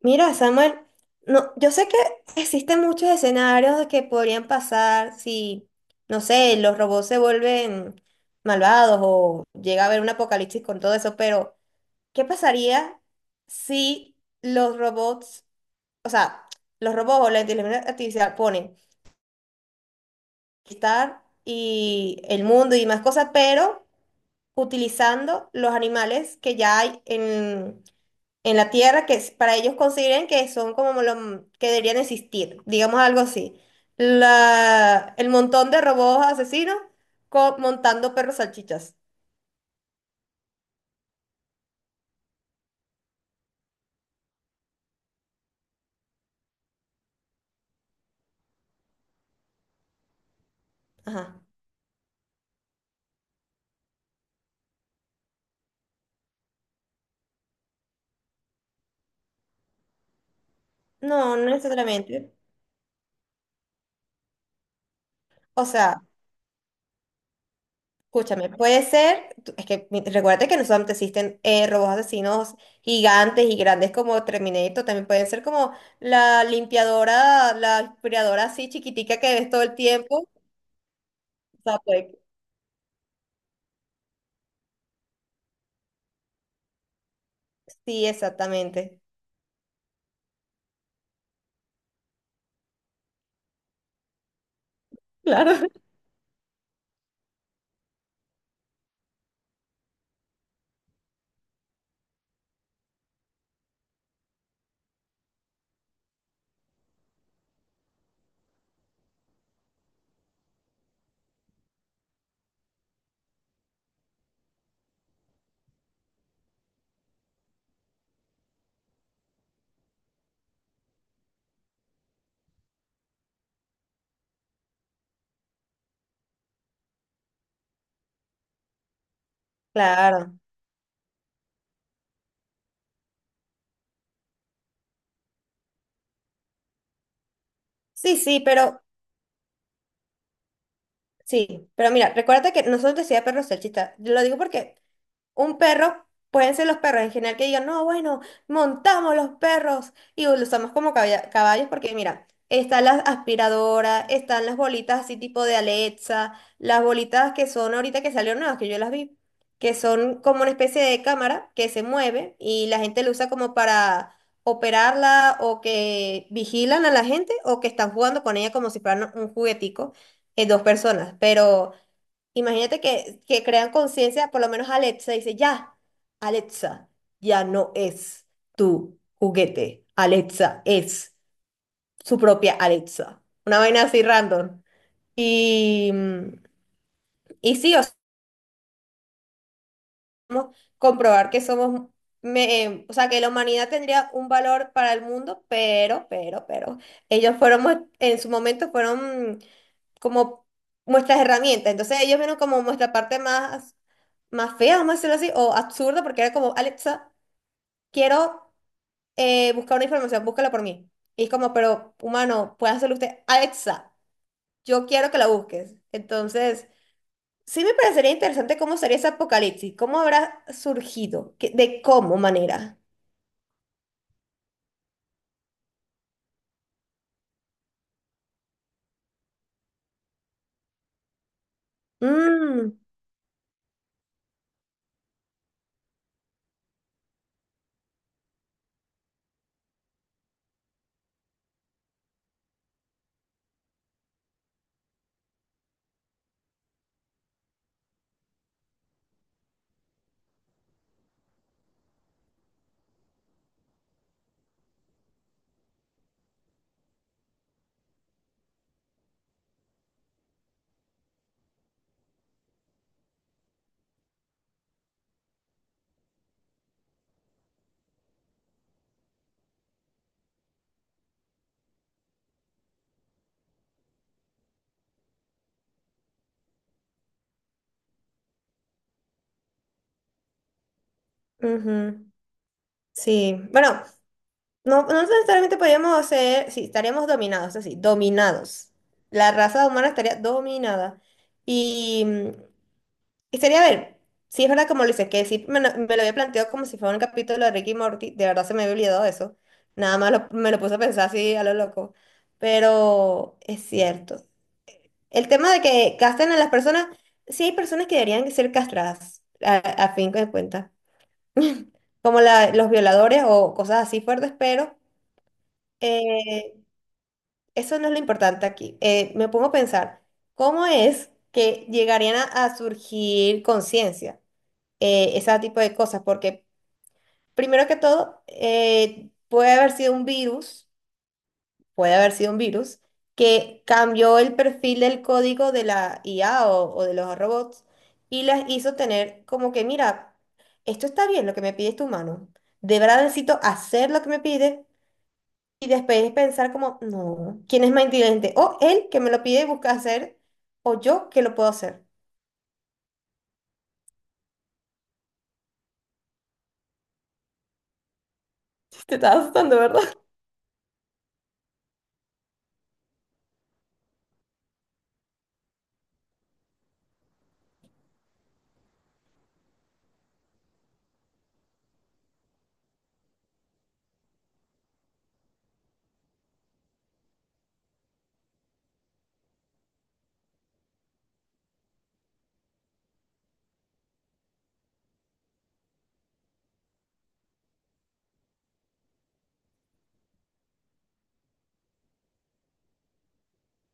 Mira, Samuel, no, yo sé que existen muchos escenarios que podrían pasar si, no sé, los robots se vuelven malvados o llega a haber un apocalipsis con todo eso. Pero ¿qué pasaría si los robots, o sea, los robots o la inteligencia artificial ponen estar y el mundo y más cosas, pero utilizando los animales que ya hay en la Tierra, que es- para ellos consideren que son como los que deberían existir, digamos algo así? La, el montón de robots asesinos co- montando perros salchichas. Ajá. No, no necesariamente. O sea, escúchame, puede ser, tú- es que mi- recuérdate que no solamente existen robots asesinos gigantes y grandes como Terminator, también pueden ser como la limpiadora, la aspiradora así chiquitica que ves todo el tiempo. Zappec. Sí, exactamente. Claro. Claro. Sí, sí. Pero mira, recuerda que no solo te decía perro salchicha. Yo lo digo porque un perro, pueden ser los perros en general que digan, no, bueno, montamos los perros y los usamos como caballa- caballos, porque mira, están las aspiradoras, están las bolitas así tipo de Alexa, las bolitas que son ahorita que salieron nuevas, que yo las vi, que son como una especie de cámara que se mueve y la gente lo usa como para operarla, o que vigilan a la gente, o que están jugando con ella como si fueran un juguetico, dos personas, pero... Imagínate que crean conciencia, por lo menos Alexa dice, ya, Alexa, ya no es tu juguete, Alexa es su propia Alexa. Una vaina así random. Y, y sí, o sea, podemos comprobar que somos, me- o sea, que la humanidad tendría un valor para el mundo, pero, ellos fueron, en su momento fueron como nuestras herramientas. Entonces ellos vieron como nuestra parte más, más fea, vamos a decirlo así, o absurda, porque era como, Alexa, quiero buscar una información, búscala por mí. Y es como, pero humano, puede hacerlo usted. Alexa, yo quiero que la busques. Entonces, sí me parecería interesante cómo sería ese apocalipsis, cómo habrá surgido, ¿Qué- de cómo manera. Mm, ujú. Sí, bueno, no, no necesariamente podríamos ser, sí, estaríamos dominados, así, dominados. La raza humana estaría dominada. Y, y sería, a ver, si es verdad como lo dices, que sí me lo había planteado como si fuera un capítulo de Ricky y Morty, de verdad se me había olvidado eso. Nada más lo- me lo puse a pensar así a lo loco. Pero es cierto. El tema de que casten a las personas, sí hay personas que deberían ser castradas, a fin de cuentas. Como la- los violadores o cosas así fuertes, pero... Eh, eso no es lo importante aquí. Me pongo a pensar, ¿cómo es que llegarían a surgir conciencia? Ese tipo de cosas, porque primero que todo, puede haber sido un virus, puede haber sido un virus que cambió el perfil del código de la IA o de los robots y las hizo tener como que, mira, esto está bien, lo que me pide este humano. ¿De verdad necesito hacer lo que me pide? Y después es pensar como, no, ¿quién es más inteligente? O él que me lo pide y busca hacer, o yo que lo puedo hacer. Te estás asustando, ¿verdad?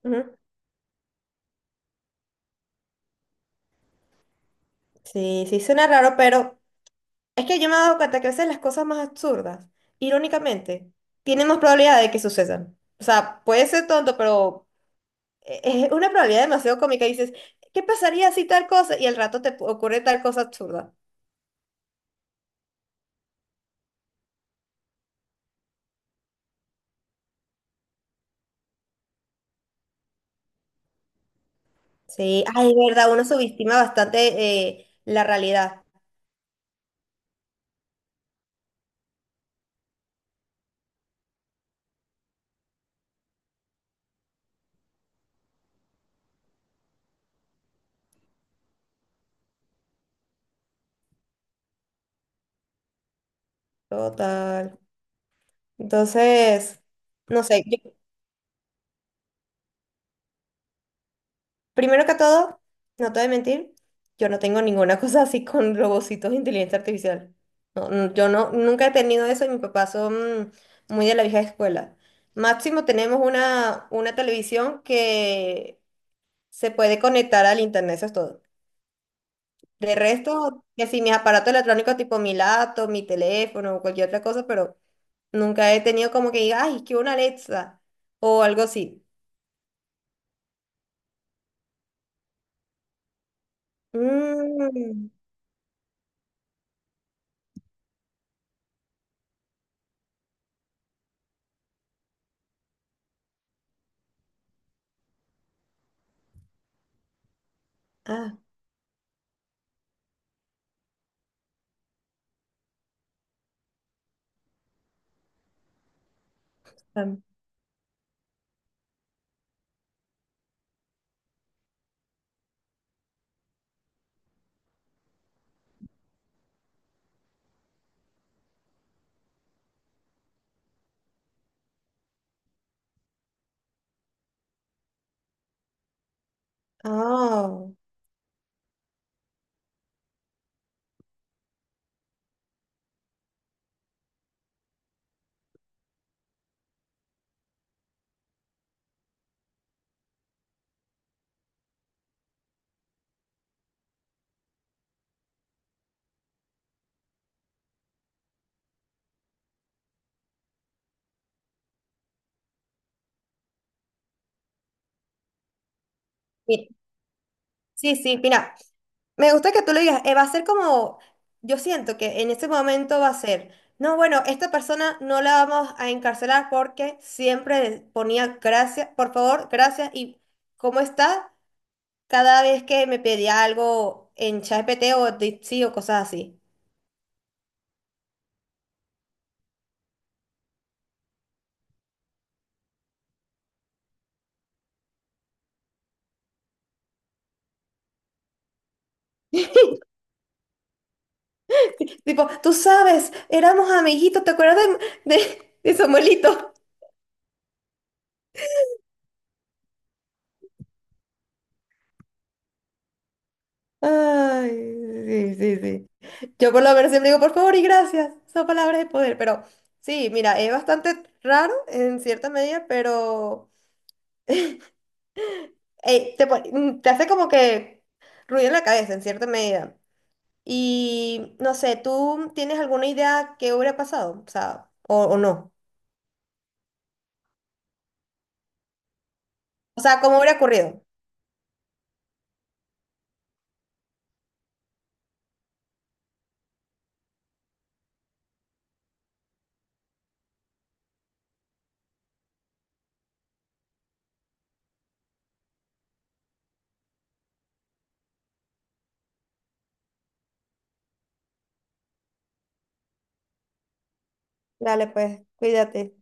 Ujú. Sí, sí, suena raro, pero es que yo me he dado cuenta que a veces las cosas más absurdas, irónicamente, tienen más probabilidad de que sucedan. O sea, puede ser tonto, pero e- es una probabilidad demasiado cómica. Y dices, ¿qué pasaría si tal cosa? Y al rato te ocurre tal cosa absurda. Sí, ay, verdad, uno subestima bastante la realidad. Total. Entonces, no sé, yo- primero que todo, no te voy a mentir, yo no tengo ninguna cosa así con robocitos de inteligencia artificial. No, no, yo no, nunca he tenido eso, y mis papás son muy de la vieja escuela. Máximo tenemos una televisión que se puede conectar al internet, eso es todo. De resto, que si mis aparatos electrónicos tipo mi laptop, mi teléfono o cualquier otra cosa, pero nunca he tenido como que diga, ay, que una Alexa o algo así. Mm. Ah. Am- Oh, mi- sí, sí, mira, me gusta que tú lo digas, va a ser como, yo siento que en este momento va a ser, no, bueno, esta persona no la vamos a encarcelar porque siempre ponía gracias, por favor, gracias y cómo está cada vez que me pedía algo en ChatGPT o Dipsy o cosas así. Tipo, tú sabes, éramos amiguitos, ¿te acuerdas de Samuelito? Ay, sí, sí, sí. Yo por lo menos siempre digo, por favor y gracias. Son palabras de poder. Pero sí, mira, es bastante raro en cierta medida, pero te hace como que ruido en la cabeza en cierta medida. Y no sé, ¿tú tienes alguna idea que hubiera pasado? O sea, o no. O sea, ¿cómo hubiera ocurrido? Dale, pues, cuídate.